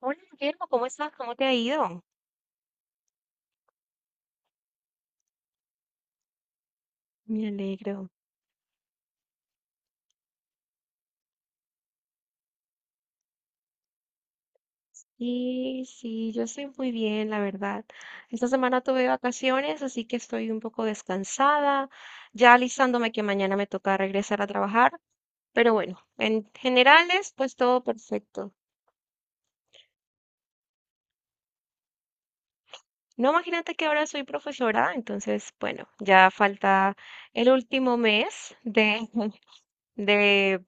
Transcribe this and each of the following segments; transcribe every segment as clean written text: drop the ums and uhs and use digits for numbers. Hola, Guillermo, ¿cómo estás? ¿Cómo te ha ido? Me alegro. Sí, yo estoy muy bien, la verdad. Esta semana tuve vacaciones, así que estoy un poco descansada, ya alistándome que mañana me toca regresar a trabajar, pero bueno, en generales, pues todo perfecto. No, imagínate que ahora soy profesora, entonces, bueno, ya falta el último mes de, de,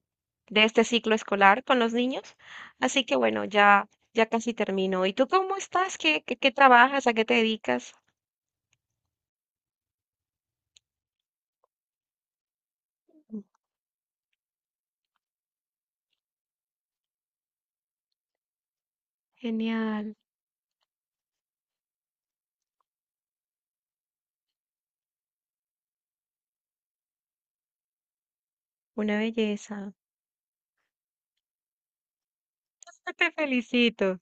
de este ciclo escolar con los niños. Así que bueno, ya, ya casi termino. ¿Y tú cómo estás? ¿Qué trabajas? ¿A qué te dedicas? Genial, una belleza. Te felicito.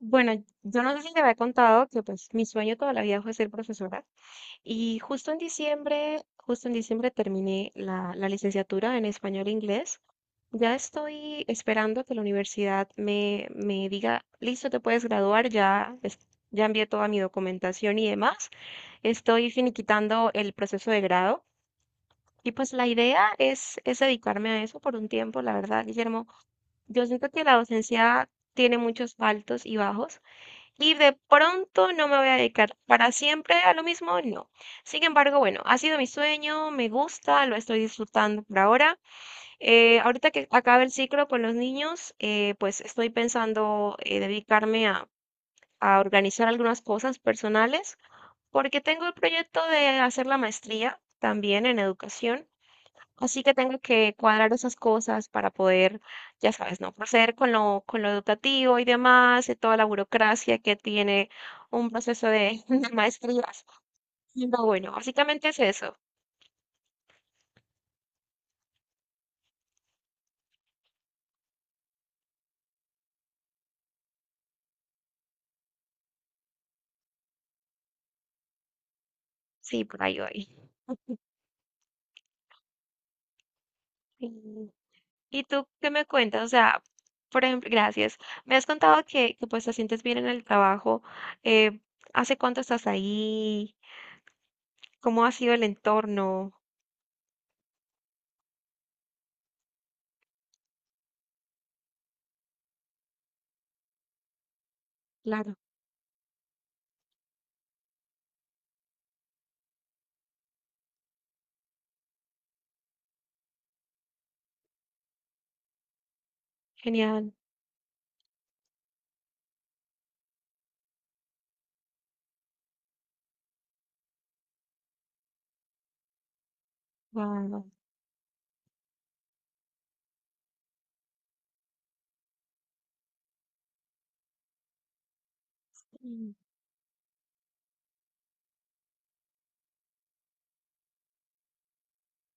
Bueno, yo no sé si te había contado que pues mi sueño toda la vida fue ser profesora y justo en diciembre terminé la licenciatura en español e inglés. Ya estoy esperando que la universidad me diga, listo, te puedes graduar, ya, ya envié toda mi documentación y demás. Estoy finiquitando el proceso de grado y pues la idea es dedicarme a eso por un tiempo, la verdad, Guillermo. Yo siento que la docencia tiene muchos altos y bajos y de pronto no me voy a dedicar para siempre a lo mismo, no. Sin embargo, bueno, ha sido mi sueño, me gusta, lo estoy disfrutando por ahora. Ahorita que acabe el ciclo con los niños, pues estoy pensando dedicarme a organizar algunas cosas personales, porque tengo el proyecto de hacer la maestría también en educación, así que tengo que cuadrar esas cosas para poder, ya sabes, no proceder con lo educativo y demás, y toda la burocracia que tiene un proceso de, de maestrías. Pero bueno, básicamente es eso. Sí, por ahí voy. Sí. ¿Y tú qué me cuentas? O sea, por ejemplo, gracias. Me has contado pues te sientes bien en el trabajo. eh, ¿Hace cuánto estás ahí? ¿Cómo ha sido el entorno? Claro, genial. Wow.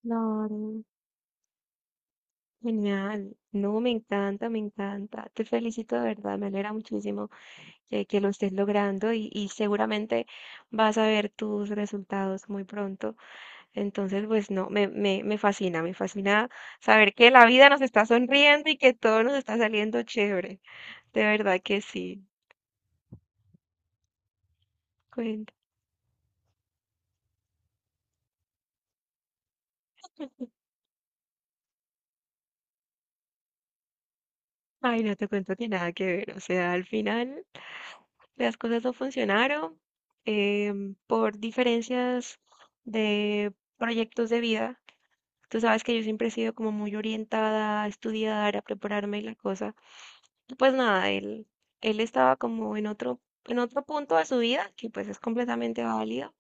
Claro, genial. No, me encanta, me encanta. Te felicito de verdad, me alegra muchísimo que lo estés logrando y seguramente vas a ver tus resultados muy pronto. Entonces, pues no, me fascina saber que la vida nos está sonriendo y que todo nos está saliendo chévere. De verdad que sí. Cuenta. Ay, no te cuento que nada que ver. O sea, al final las cosas no funcionaron, por diferencias de proyectos de vida. Tú sabes que yo siempre he sido como muy orientada a estudiar, a prepararme y la cosa. Y pues nada, él estaba como en otro punto de su vida, que pues es completamente válido.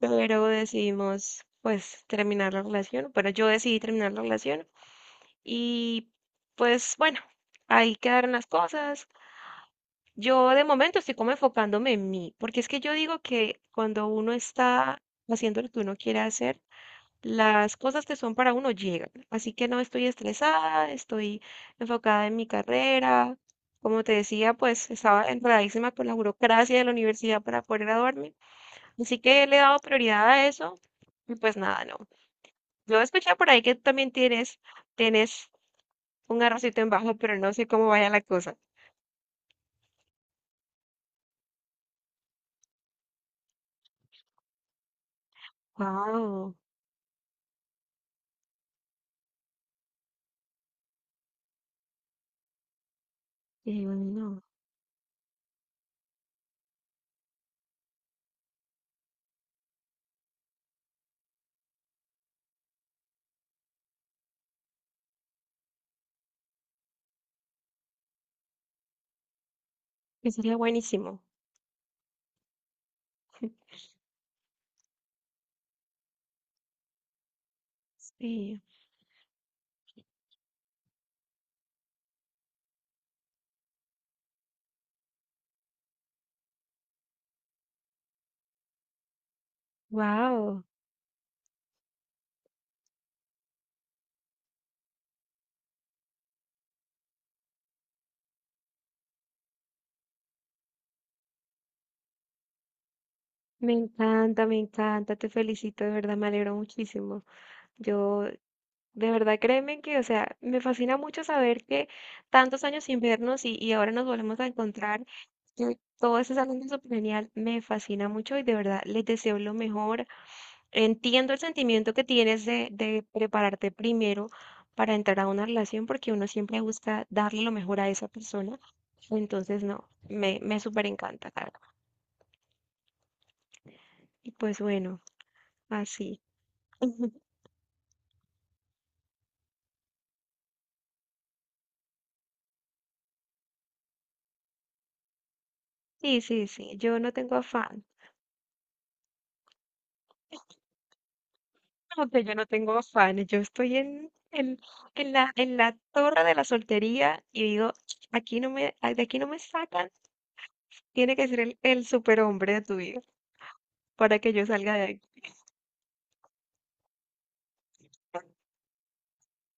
Pero decidimos pues terminar la relación. Bueno, yo decidí terminar la relación y pues bueno, ahí quedaron las cosas. Yo de momento estoy como enfocándome en mí, porque es que yo digo que cuando uno está haciendo lo que uno quiere hacer, las cosas que son para uno llegan. Así que no estoy estresada, estoy enfocada en mi carrera. Como te decía, pues estaba enredadísima con la burocracia de la universidad para poder graduarme. Así que le he dado prioridad a eso y pues nada, no. Yo escuché por ahí que tú también tienes un arrocito en bajo, pero no sé cómo vaya la cosa. Wow, qué bueno. Que sería buenísimo. Sí, wow. Me encanta, te felicito, de verdad, me alegro muchísimo. Yo, de verdad, créeme que, o sea, me fascina mucho saber que tantos años sin vernos y ahora nos volvemos a encontrar. Que Todo eso es algo súper genial, me fascina mucho y de verdad les deseo lo mejor. Entiendo el sentimiento que tienes de prepararte primero para entrar a una relación porque uno siempre busca darle lo mejor a esa persona. Entonces, no, me súper encanta, Carla. Y pues bueno, así. Sí, sí, sí, yo no tengo afán. No, que yo no tengo afán. Yo estoy en en la torre de la soltería y digo, aquí no me, de aquí no me sacan. Tiene que ser el superhombre de tu vida para que yo salga de ahí.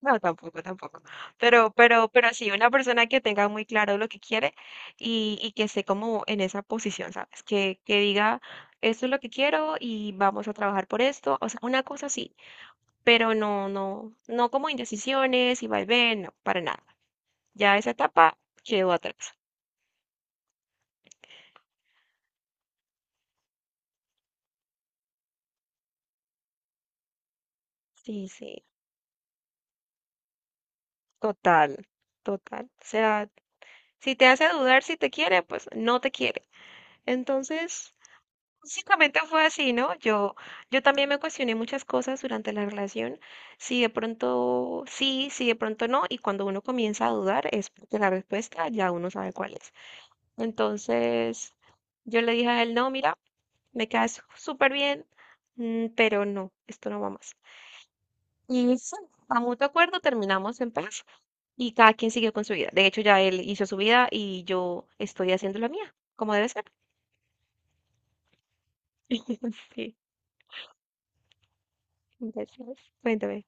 No, tampoco, tampoco. Pero sí, una persona que tenga muy claro lo que quiere y que esté como en esa posición, ¿sabes? Que diga, esto es lo que quiero y vamos a trabajar por esto. O sea, una cosa sí, pero no, no, no como indecisiones y vaivén, no, para nada. Ya esa etapa quedó atrás. Sí, sí, total, total. O sea, si te hace dudar si te quiere, pues no te quiere. Entonces... Básicamente fue así, ¿no? Yo también me cuestioné muchas cosas durante la relación, si de pronto sí, si de pronto no, y cuando uno comienza a dudar es porque la respuesta ya uno sabe cuál es. Entonces, yo le dije a él, no, mira, me quedas súper bien, pero no, esto no va más. Y sí, a mutuo acuerdo terminamos en paz y cada quien siguió con su vida. De hecho, ya él hizo su vida y yo estoy haciendo la mía, como debe ser. Sí, gracias. Cuéntame.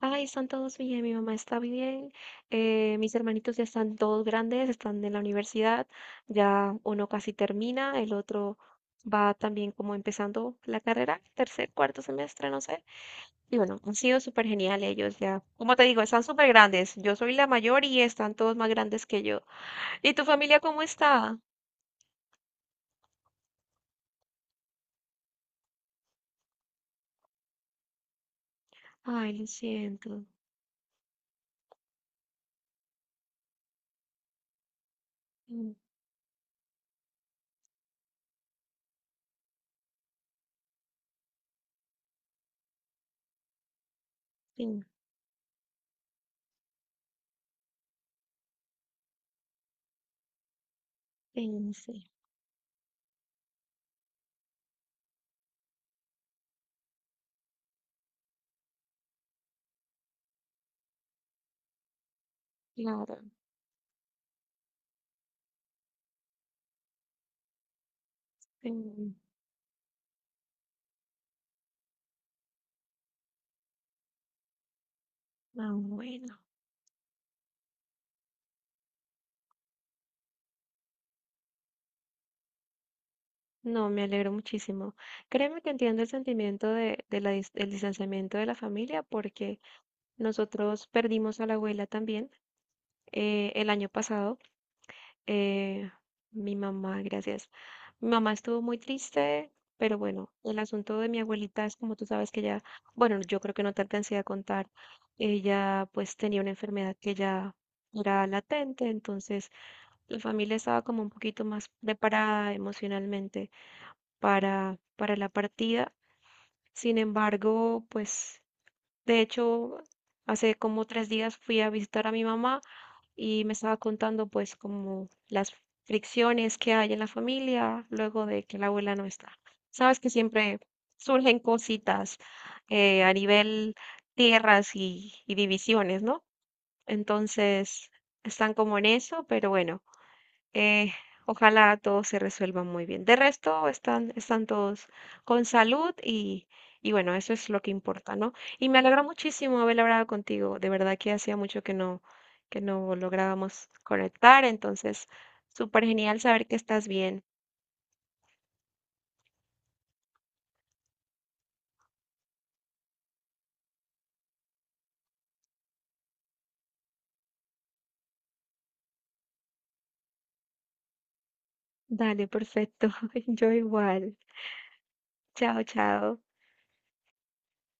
Ay, están todos bien, mi mamá está bien, mis hermanitos ya están todos grandes, están en la universidad, ya uno casi termina, el otro va también como empezando la carrera, tercer, cuarto semestre, no sé. Y bueno, han sido súper genial ellos ya. Como te digo, están súper grandes. Yo soy la mayor y están todos más grandes que yo. ¿Y tu familia cómo está? Ay, lo siento. Mm, sí, sí, sí, claro. Sí. Ah, bueno. No, me alegro muchísimo. Créeme que entiendo el sentimiento de la del distanciamiento de la familia porque nosotros perdimos a la abuela también el año pasado. eh, mi mamá, gracias. Mi mamá estuvo muy triste, pero bueno, el asunto de mi abuelita es como tú sabes que ella, bueno, yo creo que no te alcancé a contar, ella pues tenía una enfermedad que ya era latente, entonces la familia estaba como un poquito más preparada emocionalmente para la partida. Sin embargo, pues de hecho, hace como tres días fui a visitar a mi mamá y me estaba contando pues como las fricciones que hay en la familia luego de que la abuela no está. Sabes que siempre surgen cositas a nivel tierras y divisiones, ¿no? Entonces, están como en eso, pero bueno. Eh, ojalá todo se resuelva muy bien. De resto, están, están todos con salud y bueno, eso es lo que importa, ¿no? Y me alegra muchísimo haber hablado contigo. De verdad que hacía mucho que no lográbamos conectar, entonces, súper genial saber que estás bien. Dale, perfecto. Yo igual. Chao, chao.